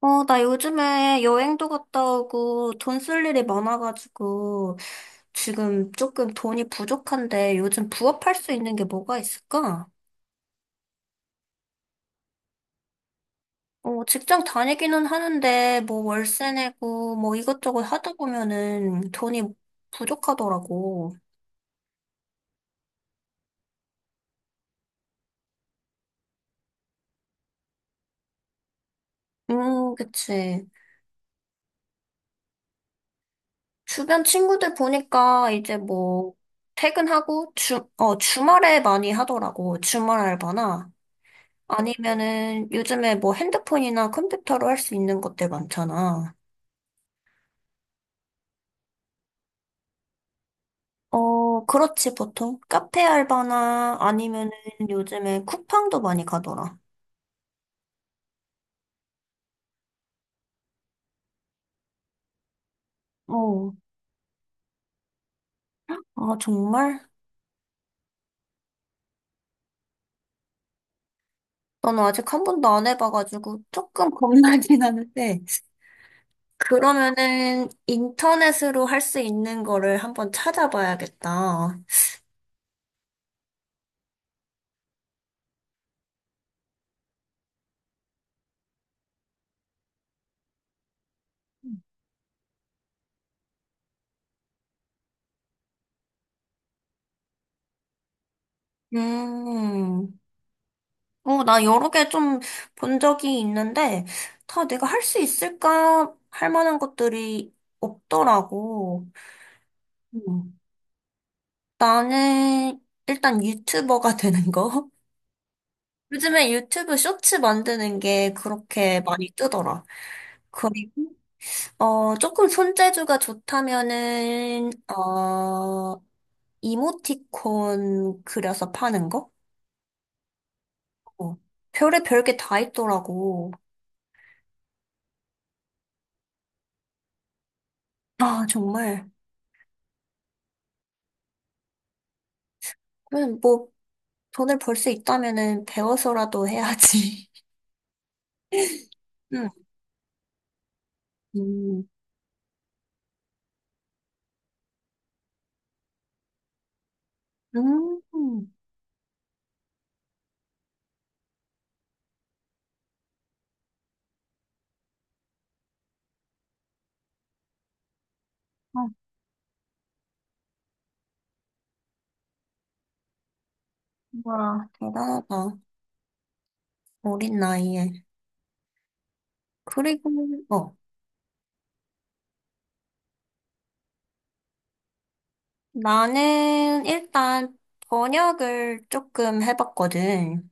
나 요즘에 여행도 갔다 오고 돈 쓸 일이 많아가지고 지금 조금 돈이 부족한데 요즘 부업할 수 있는 게 뭐가 있을까? 직장 다니기는 하는데 뭐 월세 내고 뭐 이것저것 하다 보면은 돈이 부족하더라고. 그치. 주변 친구들 보니까 이제 뭐 퇴근하고 주말에 많이 하더라고. 주말 알바나. 아니면은 요즘에 뭐 핸드폰이나 컴퓨터로 할 수 있는 것들 많잖아. 어, 그렇지, 보통. 카페 알바나 아니면은 요즘에 쿠팡도 많이 가더라. 어, 아, 정말? 나는 아직 한 번도 안 해봐가지고 조금 겁나긴 하는데. 그러면은 인터넷으로 할 수 있는 거를 한번 찾아봐야겠다. 음. 나 여러 개 좀 본 적이 있는데, 다 내가 할 수 있을까? 할 만한 것들이 없더라고. 음. 나는 일단 유튜버가 되는 거. 요즘에 유튜브 쇼츠 만드는 게 그렇게 많이 뜨더라. 그리고, 조금 손재주가 좋다면은, 이모티콘 그려서 파는 거? 어, 별의별 게 다 있더라고. 아, 정말. 그냥 뭐, 돈을 벌 수 있다면은 배워서라도 해야지. 응. 음, 음, 아, 와, 대단하다. 어린 나이에. 그리고, 나는 일단 번역을 조금 해봤거든.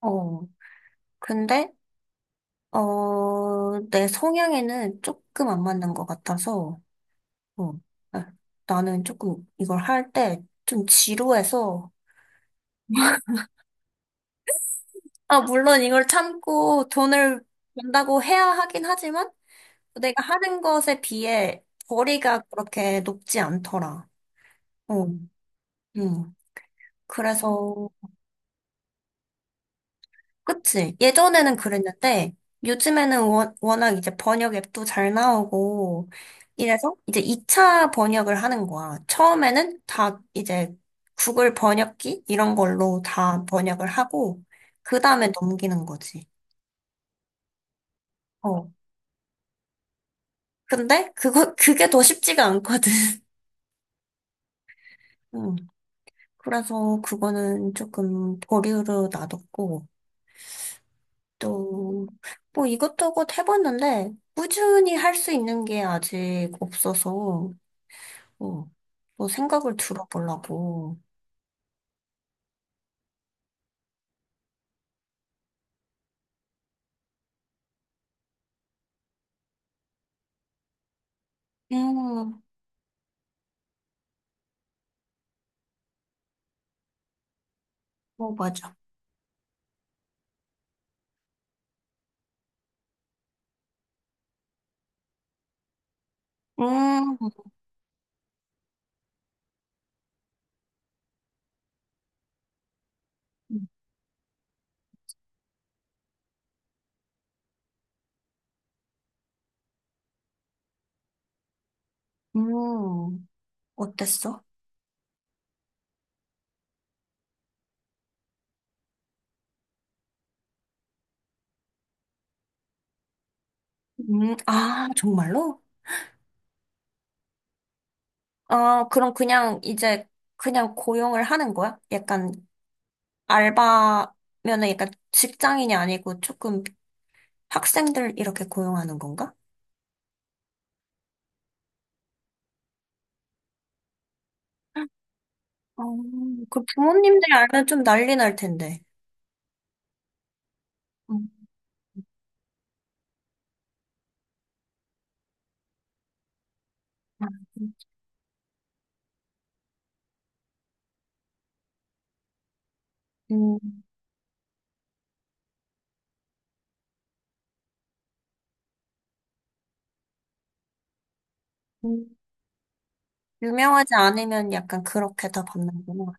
어, 근데, 내 성향에는 조금 안 맞는 것 같아서, 어, 아, 나는 조금 이걸 할 때 좀 지루해서, 아, 물론 이걸 참고 돈을 번다고 해야 하긴 하지만, 내가 하는 것에 비해 거리가 그렇게 높지 않더라. 어, 음. 그래서, 그치. 예전에는 그랬는데, 요즘에는 워낙 이제 번역 앱도 잘 나오고, 이래서 이제 2차 번역을 하는 거야. 처음에는 다 이제 구글 번역기? 이런 걸로 다 번역을 하고, 그 다음에 넘기는 거지. 어. 그게 더 쉽지가 않거든. 음. 그래서 그거는 조금 보류로 놔뒀고, 또, 뭐 이것저것 해봤는데, 꾸준히 할 수 있는 게 아직 없어서, 어, 또 생각을 들어보려고. 음, 어, 맞아. 음, 음, 어땠어? 아, 정말로? 아, 그럼 그냥 이제, 그냥 고용을 하는 거야? 약간, 알바면은 약간 직장인이 아니고 조금 학생들 이렇게 고용하는 건가? 어, 그 부모님들이 알면 좀 난리 날 텐데. 음. 음. 음, 음. 유명하지 않으면 약간 그렇게 더 받는구나.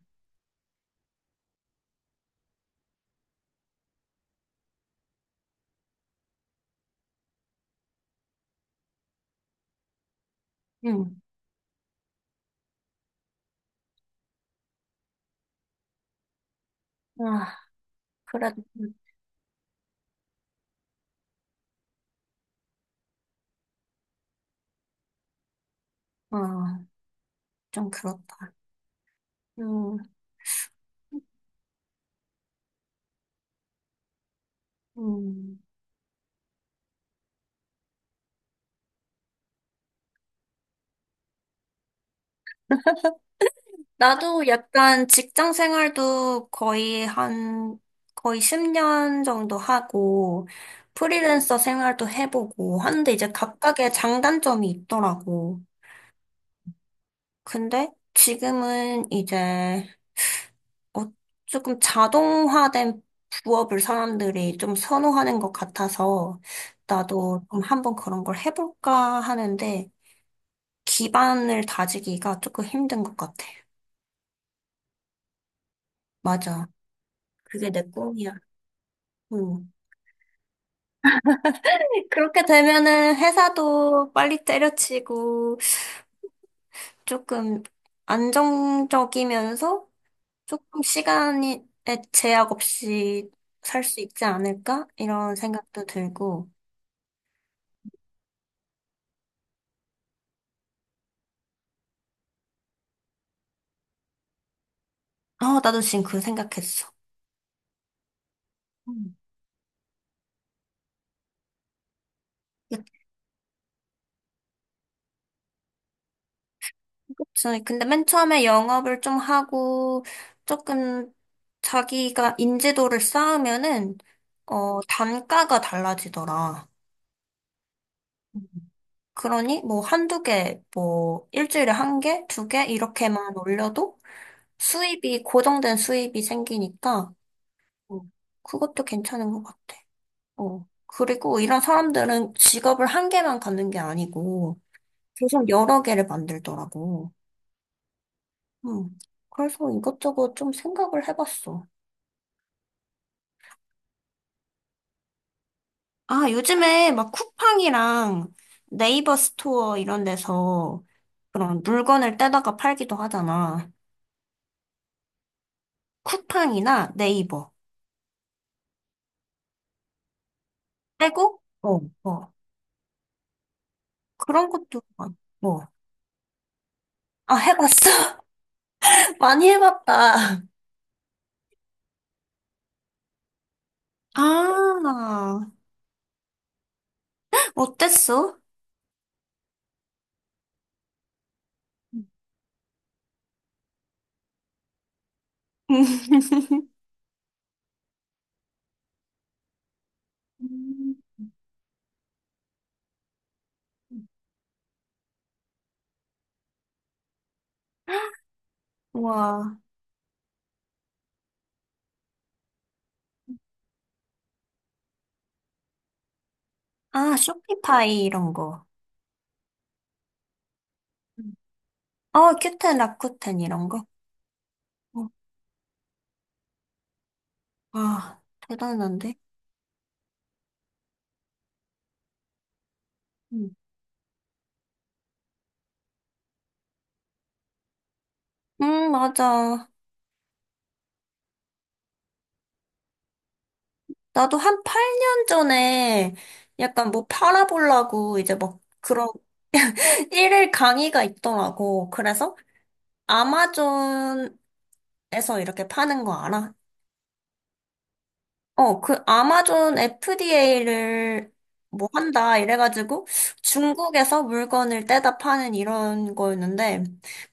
음, 아, 그래도, 아, 좀 그렇다. 음, 음. 나도 약간 직장 생활도 거의 한, 거의 10년 정도 하고, 프리랜서 생활도 해보고, 하는데 이제 각각의 장단점이 있더라고. 근데 지금은 이제 어, 조금 자동화된 부업을 사람들이 좀 선호하는 것 같아서 나도 좀 한번 그런 걸 해볼까 하는데 기반을 다지기가 조금 힘든 것 같아. 맞아. 그게 내 꿈이야. 음. 그렇게 되면은 회사도 빨리 때려치고 조금 안정적이면서 조금 시간에 제약 없이 살 수 있지 않을까? 이런 생각도 들고. 아, 나도 지금 그 생각했어. 응. 그치. 근데 맨 처음에 영업을 좀 하고 조금 자기가 인지도를 쌓으면은 어 단가가 달라지더라. 음. 그러니 뭐 한두 개, 뭐 일주일에 한 개, 두 개 이렇게만 올려도 수입이 고정된 수입이 생기니까 어, 그것도 괜찮은 것 같아. 어. 그리고 이런 사람들은 직업을 한 개만 갖는 게 아니고 계속 여러 개를 만들더라고. 음. 그래서 이것저것 좀 생각을 해봤어. 아, 요즘에 막 쿠팡이랑 네이버 스토어 이런 데서 그런 물건을 떼다가 팔기도 하잖아. 쿠팡이나 네이버. 떼고, 어, 어. 뭐. 아, 해봤어? 많이 해봤다. 아, 어땠어? 음. 와. 아, 쇼피파이 이런 거. 어, 큐텐, 라쿠텐 이런 거. 아, 대단한데? 음, 맞아. 나도 한 8년 전에 약간 뭐 팔아보려고 이제 막 그런 일일 강의가 있더라고. 그래서 아마존에서 이렇게 파는 거 알아? 어, 그 아마존 FDA를 뭐 한다 이래가지고 중국에서 물건을 떼다 파는 이런 거였는데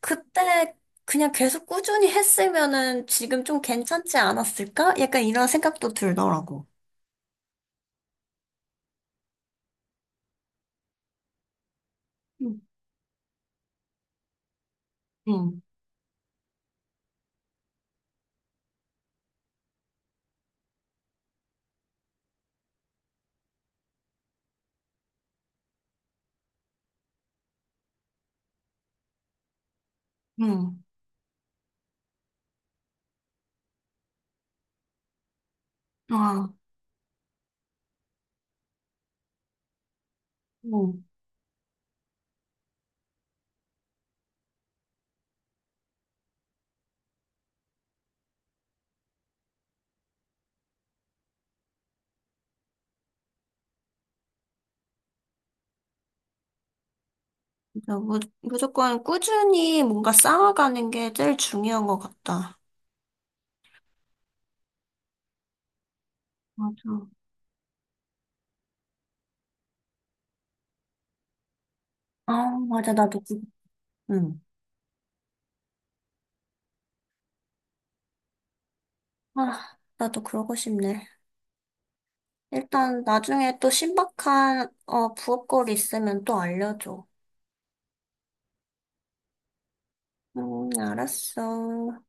그때 그냥 계속 꾸준히 했으면은 지금 좀 괜찮지 않았을까? 약간 이런 생각도 들더라고. 응, 응, 응. 아, 응. 진짜 무조건 꾸준히 뭔가 쌓아가는 게 제일 중요한 것 같다. 맞아. 아, 맞아. 나도, 그- 응. 아, 나도 그러고 싶네. 일단 나중에 또 신박한, 어, 부업거리 있으면 또 알려줘. 응, 알았어.